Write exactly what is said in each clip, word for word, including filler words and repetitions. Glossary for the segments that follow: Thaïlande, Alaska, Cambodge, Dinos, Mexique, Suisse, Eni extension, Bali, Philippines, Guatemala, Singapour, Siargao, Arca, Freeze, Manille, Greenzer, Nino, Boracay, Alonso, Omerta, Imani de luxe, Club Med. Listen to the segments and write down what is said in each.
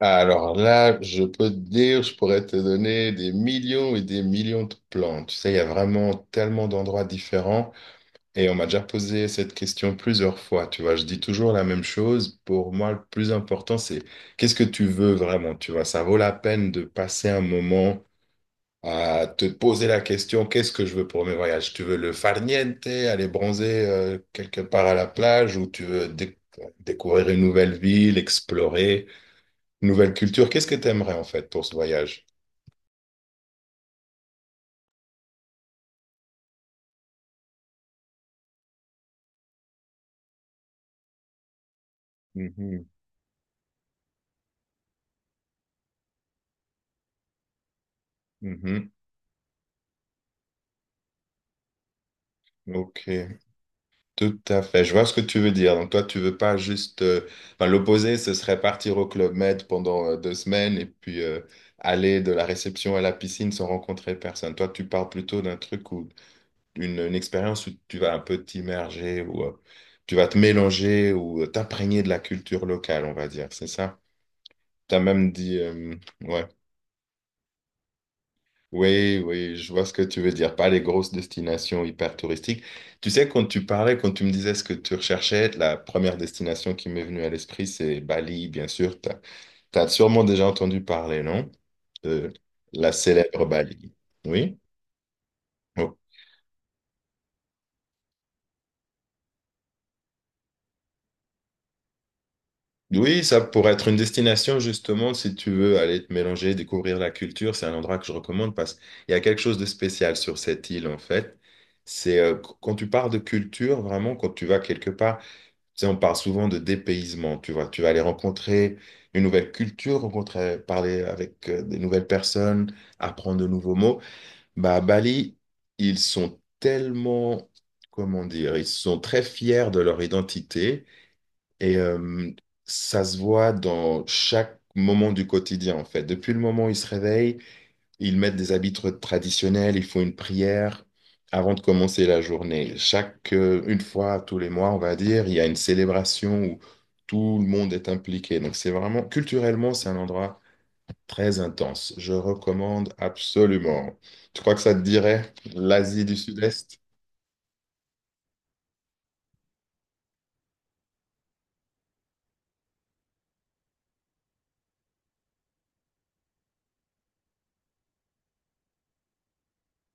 Alors là, je peux te dire, je pourrais te donner des millions et des millions de plantes. Tu sais, il y a vraiment tellement d'endroits différents et on m'a déjà posé cette question plusieurs fois. Tu vois, je dis toujours la même chose. Pour moi, le plus important, c'est qu'est-ce que tu veux vraiment? Tu vois, ça vaut la peine de passer un moment à te poser la question, qu'est-ce que je veux pour mes voyages? Tu veux le farniente, aller bronzer euh, quelque part à la plage ou tu veux déc- découvrir une nouvelle ville, explorer? Nouvelle culture, qu'est-ce que tu aimerais en fait pour ce voyage? Mhm, mhm, ok, tout à fait. Je vois ce que tu veux dire. Donc toi, tu veux pas juste... euh, enfin, l'opposé, ce serait partir au Club Med pendant euh, deux semaines et puis euh, aller de la réception à la piscine sans rencontrer personne. Toi, tu parles plutôt d'un truc ou d'une une expérience où tu vas un peu t'immerger ou euh, tu vas te mélanger ou euh, t'imprégner de la culture locale, on va dire. C'est ça? Tu as même dit... euh, Ouais. Oui, oui, je vois ce que tu veux dire. Pas les grosses destinations hyper touristiques. Tu sais, quand tu parlais, quand tu me disais ce que tu recherchais, la première destination qui m'est venue à l'esprit, c'est Bali, bien sûr. Tu as, sûrement déjà entendu parler, non? De la célèbre Bali. Oui? Oh. Oui, ça pourrait être une destination, justement, si tu veux aller te mélanger, découvrir la culture. C'est un endroit que je recommande parce qu'il y a quelque chose de spécial sur cette île, en fait. C'est euh, qu- quand tu parles de culture, vraiment, quand tu vas quelque part. Tu sais, on parle souvent de dépaysement, tu vois. Tu vas aller rencontrer une nouvelle culture, rencontrer, parler avec euh, des nouvelles personnes, apprendre de nouveaux mots. Bah, à Bali, ils sont tellement, comment dire, ils sont très fiers de leur identité et euh, ça se voit dans chaque moment du quotidien, en fait. Depuis le moment où ils se réveillent, ils mettent des habits tra- traditionnels, ils font une prière avant de commencer la journée. Chaque, euh, une fois tous les mois, on va dire, il y a une célébration où tout le monde est impliqué. Donc c'est vraiment, culturellement, c'est un endroit très intense. Je recommande absolument. Tu crois que ça te dirait l'Asie du Sud-Est?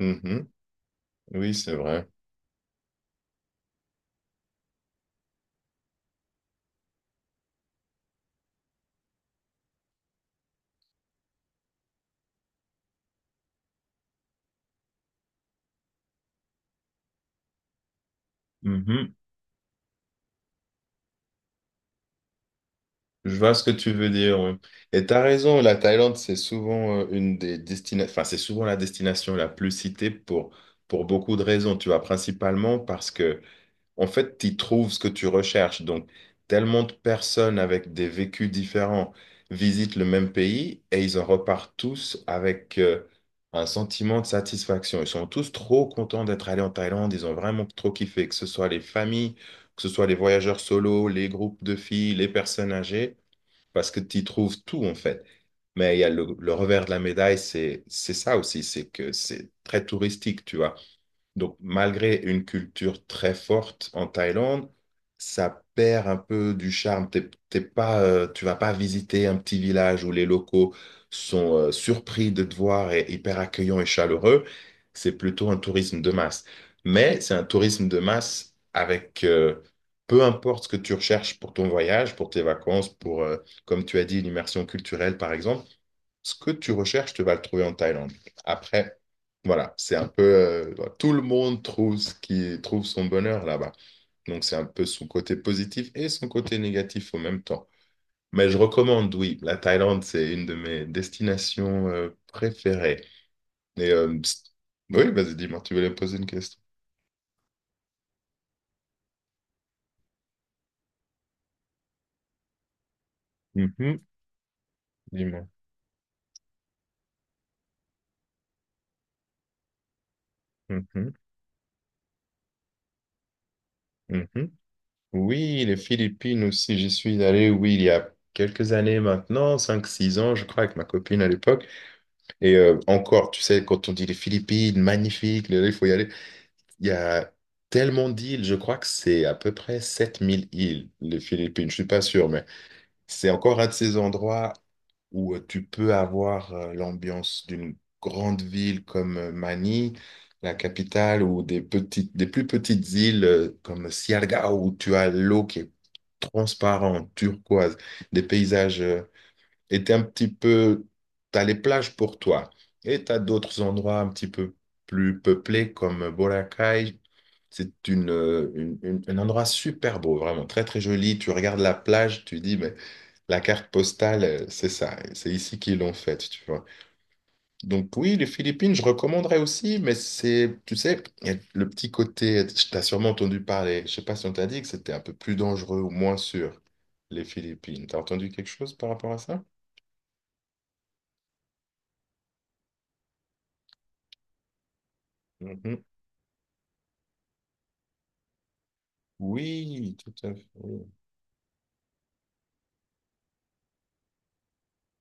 Mhm. Oui, c'est vrai. Je vois ce que tu veux dire. oui. Et tu as raison, la Thaïlande, c'est souvent euh, une des destinations, enfin, c'est souvent la destination la plus citée pour, pour beaucoup de raisons, tu vois, principalement parce que, en fait, tu trouves ce que tu recherches. Donc, tellement de personnes avec des vécus différents visitent le même pays et ils en repartent tous avec euh, un sentiment de satisfaction. Ils sont tous trop contents d'être allés en Thaïlande, ils ont vraiment trop kiffé, que ce soit les familles, que ce soit les voyageurs solo, les groupes de filles, les personnes âgées parce que tu y trouves tout en fait. Mais il y a le, le revers de la médaille, c'est c'est ça aussi, c'est que c'est très touristique, tu vois. Donc, malgré une culture très forte en Thaïlande, ça perd un peu du charme. T'es, t'es pas, euh, tu vas pas visiter un petit village où les locaux sont euh, surpris de te voir et hyper accueillants et chaleureux. C'est plutôt un tourisme de masse. Mais c'est un tourisme de masse avec euh, peu importe ce que tu recherches pour ton voyage, pour tes vacances, pour, euh, comme tu as dit, l'immersion culturelle, par exemple ce que tu recherches, tu vas le trouver en Thaïlande. Après, voilà, c'est un peu euh, voilà, tout le monde trouve ce qui trouve son bonheur là-bas. Donc, c'est un peu son côté positif et son côté négatif en même temps. Mais je recommande, oui, la Thaïlande, c'est une de mes destinations euh, préférées. Et, euh, pst- oui, vas-y, dis-moi, tu voulais poser une question. Mhm, dis-moi. Mhm, mhm. Oui, les Philippines aussi, j'y suis allé, oui, il y a quelques années maintenant, cinq, six ans, je crois, avec ma copine à l'époque. Et euh, encore, tu sais, quand on dit les Philippines, magnifique, là, il faut y aller. Il y a tellement d'îles, je crois que c'est à peu près sept mille îles, les Philippines, je suis pas sûr, mais c'est encore un de ces endroits où euh, tu peux avoir euh, l'ambiance d'une grande ville comme euh, Manille, la capitale, ou des petites, des plus petites îles euh, comme Siargao, où tu as l'eau qui est transparente, turquoise, des paysages. euh, était un petit peu, tu as les plages pour toi. Et tu as d'autres endroits un petit peu plus peuplés comme Boracay. C'est une, euh, une- une- un endroit super beau, vraiment très très joli. Tu regardes la plage, tu dis, mais la carte postale, euh, c'est ça, c'est ici qu'ils l'ont faite, tu vois. Donc oui, les Philippines, je recommanderais aussi, mais c'est, tu sais, il y a le petit côté, tu as sûrement entendu parler, je sais pas si on t'a dit que c'était un peu plus dangereux ou moins sûr, les Philippines. T'as entendu quelque chose par rapport à ça? Mhm. Oui, tout à fait. Oui,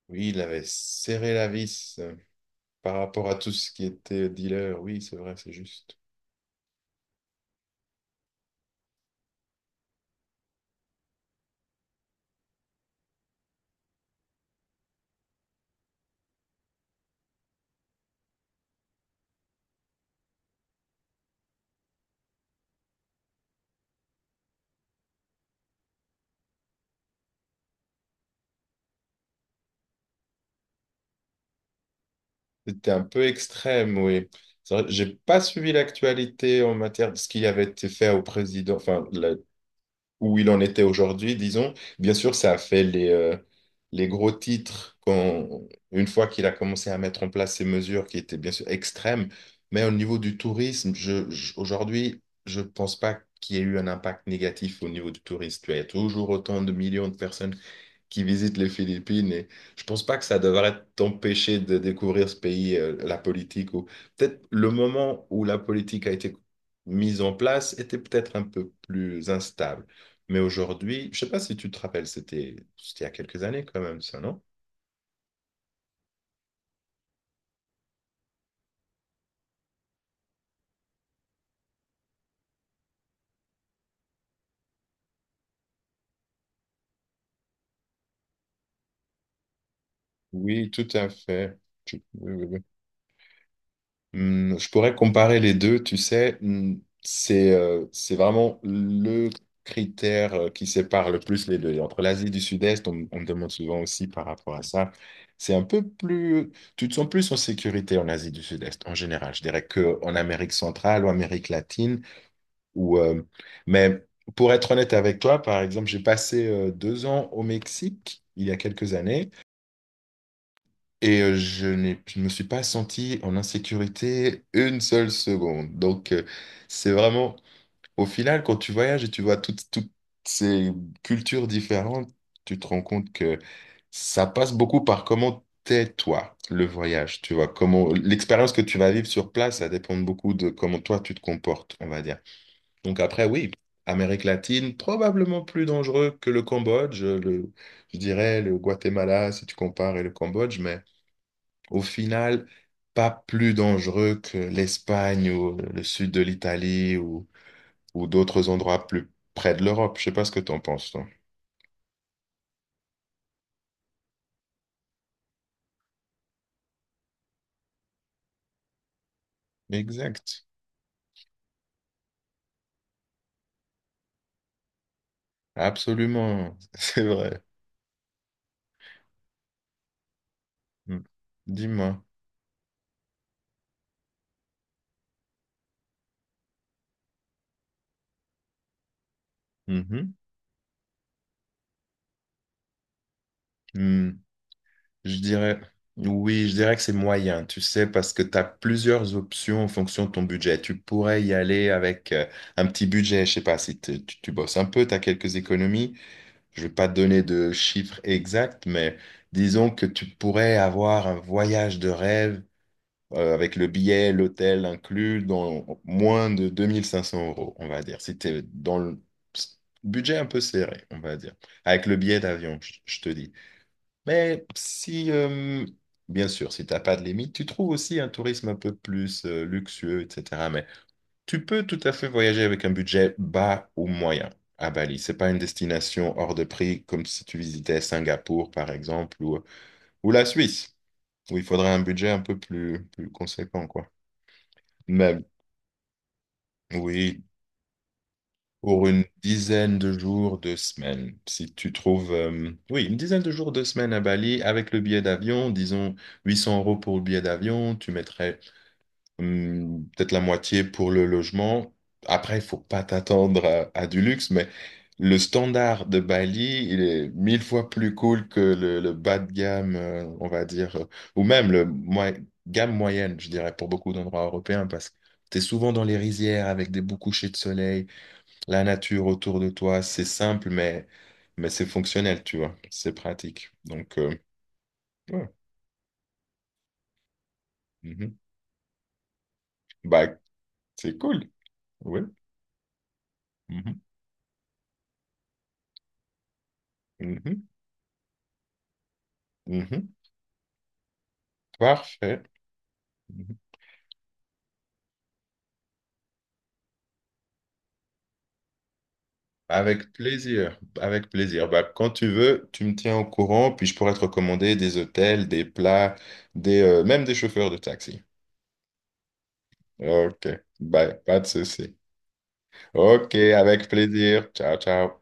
oui, il avait serré la vis euh, par rapport à tout ce qui était dealer. Oui, c'est vrai, c'est juste. C'était un peu extrême, oui. C'est vrai, j'ai pas suivi l'actualité en matière de ce qui avait été fait au président, enfin, la. Où il en était aujourd'hui, disons. Bien sûr, ça a fait les, euh, les gros titres quand, une fois qu'il a commencé à mettre en place ces mesures qui étaient bien sûr extrêmes, mais au niveau du tourisme, je, je- aujourd'hui, je ne pense pas qu'il y ait eu un impact négatif au niveau du tourisme. Tu vois, il y a toujours autant de millions de personnes qui visite les Philippines. Et je pense pas que ça devrait t'empêcher de découvrir ce pays, euh, la politique, ou peut-être le moment où la politique a été mise en place était peut-être un peu plus instable. Mais aujourd'hui, je sais pas si tu te rappelles, c'était c'était il y a quelques années quand même, ça, non? Oui, tout à fait. Tu- oui, oui, oui. Hmm, je pourrais comparer les deux, tu sais, hmm, c'est euh, c'est vraiment le critère euh, qui sépare le plus les deux. Et Entre l'Asie du Sud-Est, on, on me demande souvent aussi par rapport à ça, c'est un peu plus, tu te sens plus en sécurité en Asie du Sud-Est en général. Je dirais qu'en Amérique centrale ou Amérique latine, ou, euh, mais pour être honnête avec toi, par exemple, j'ai passé euh, deux ans au Mexique il y a quelques années. Et euh, je n'ai, je ne me suis pas senti en insécurité une seule seconde. Donc, euh, c'est vraiment, au final, quand tu voyages et tu vois toutes, toutes ces cultures différentes, tu te rends compte que ça passe beaucoup par comment t'es toi, le voyage. Tu vois, comment l'expérience que tu vas vivre sur place, ça dépend beaucoup de comment toi tu te comportes, on va dire. Donc après, oui, Amérique latine, probablement plus dangereux que le Cambodge, le, je dirais le Guatemala si tu compares et le Cambodge, mais au final, pas plus dangereux que l'Espagne ou le sud de l'Italie ou, ou d'autres endroits plus près de l'Europe. Je sais pas ce que t'en penses, toi. Exact. Absolument. C'est vrai. Mm. Dis-moi. Mhm. Mm. Je dirais, oui, je dirais que c'est moyen, tu sais, parce que tu as plusieurs options en fonction de ton budget. Tu pourrais y aller avec euh, un petit budget, je sais pas, si tu, tu- tu bosses un peu, tu as quelques économies. Je vais pas te donner de chiffres exacts, mais disons que tu pourrais avoir un voyage de rêve euh, avec le billet, l'hôtel inclus, dans moins de deux mille cinq cents euros, on va dire. Si tu es dans le budget un peu serré, on va dire. Avec le billet d'avion, je je te dis. Mais si, euh, bien sûr, si tu n'as pas de limite, tu trouves aussi un tourisme un peu plus euh, luxueux, et cetera. Mais tu peux tout à fait voyager avec un budget bas ou moyen à Bali. C'est pas une destination hors de prix comme si tu visitais Singapour, par exemple, ou, ou la Suisse, où il faudrait un budget un peu plus, plus conséquent, quoi. Mais oui, pour une dizaine de jours, deux semaines. Si tu trouves, euh, oui, une dizaine de jours, deux semaines à Bali avec le billet d'avion, disons huit cents euros pour le billet d'avion, tu mettrais hum, peut-être la moitié pour le logement. Après, il faut pas t'attendre à, à du luxe, mais le standard de Bali, il est mille fois plus cool que le, le bas de gamme, euh, on va dire, euh, ou même le moy- gamme moyenne, je dirais, pour beaucoup d'endroits européens, parce que tu es souvent dans les rizières avec des beaux couchers de soleil, la nature autour de toi, c'est simple, mais, mais c'est fonctionnel, tu vois, c'est pratique. Donc, euh, ouais. Mhm. Bah, c'est cool, oui. Mhm. Mhm. Mhm. Parfait. Mhm. Avec plaisir. Avec plaisir. Bah, quand tu veux, tu me tiens au courant, puis je pourrais te recommander des hôtels, des plats, des, euh, même des chauffeurs de taxi. OK. Bye. Pas de souci. OK. Avec plaisir. Ciao, ciao.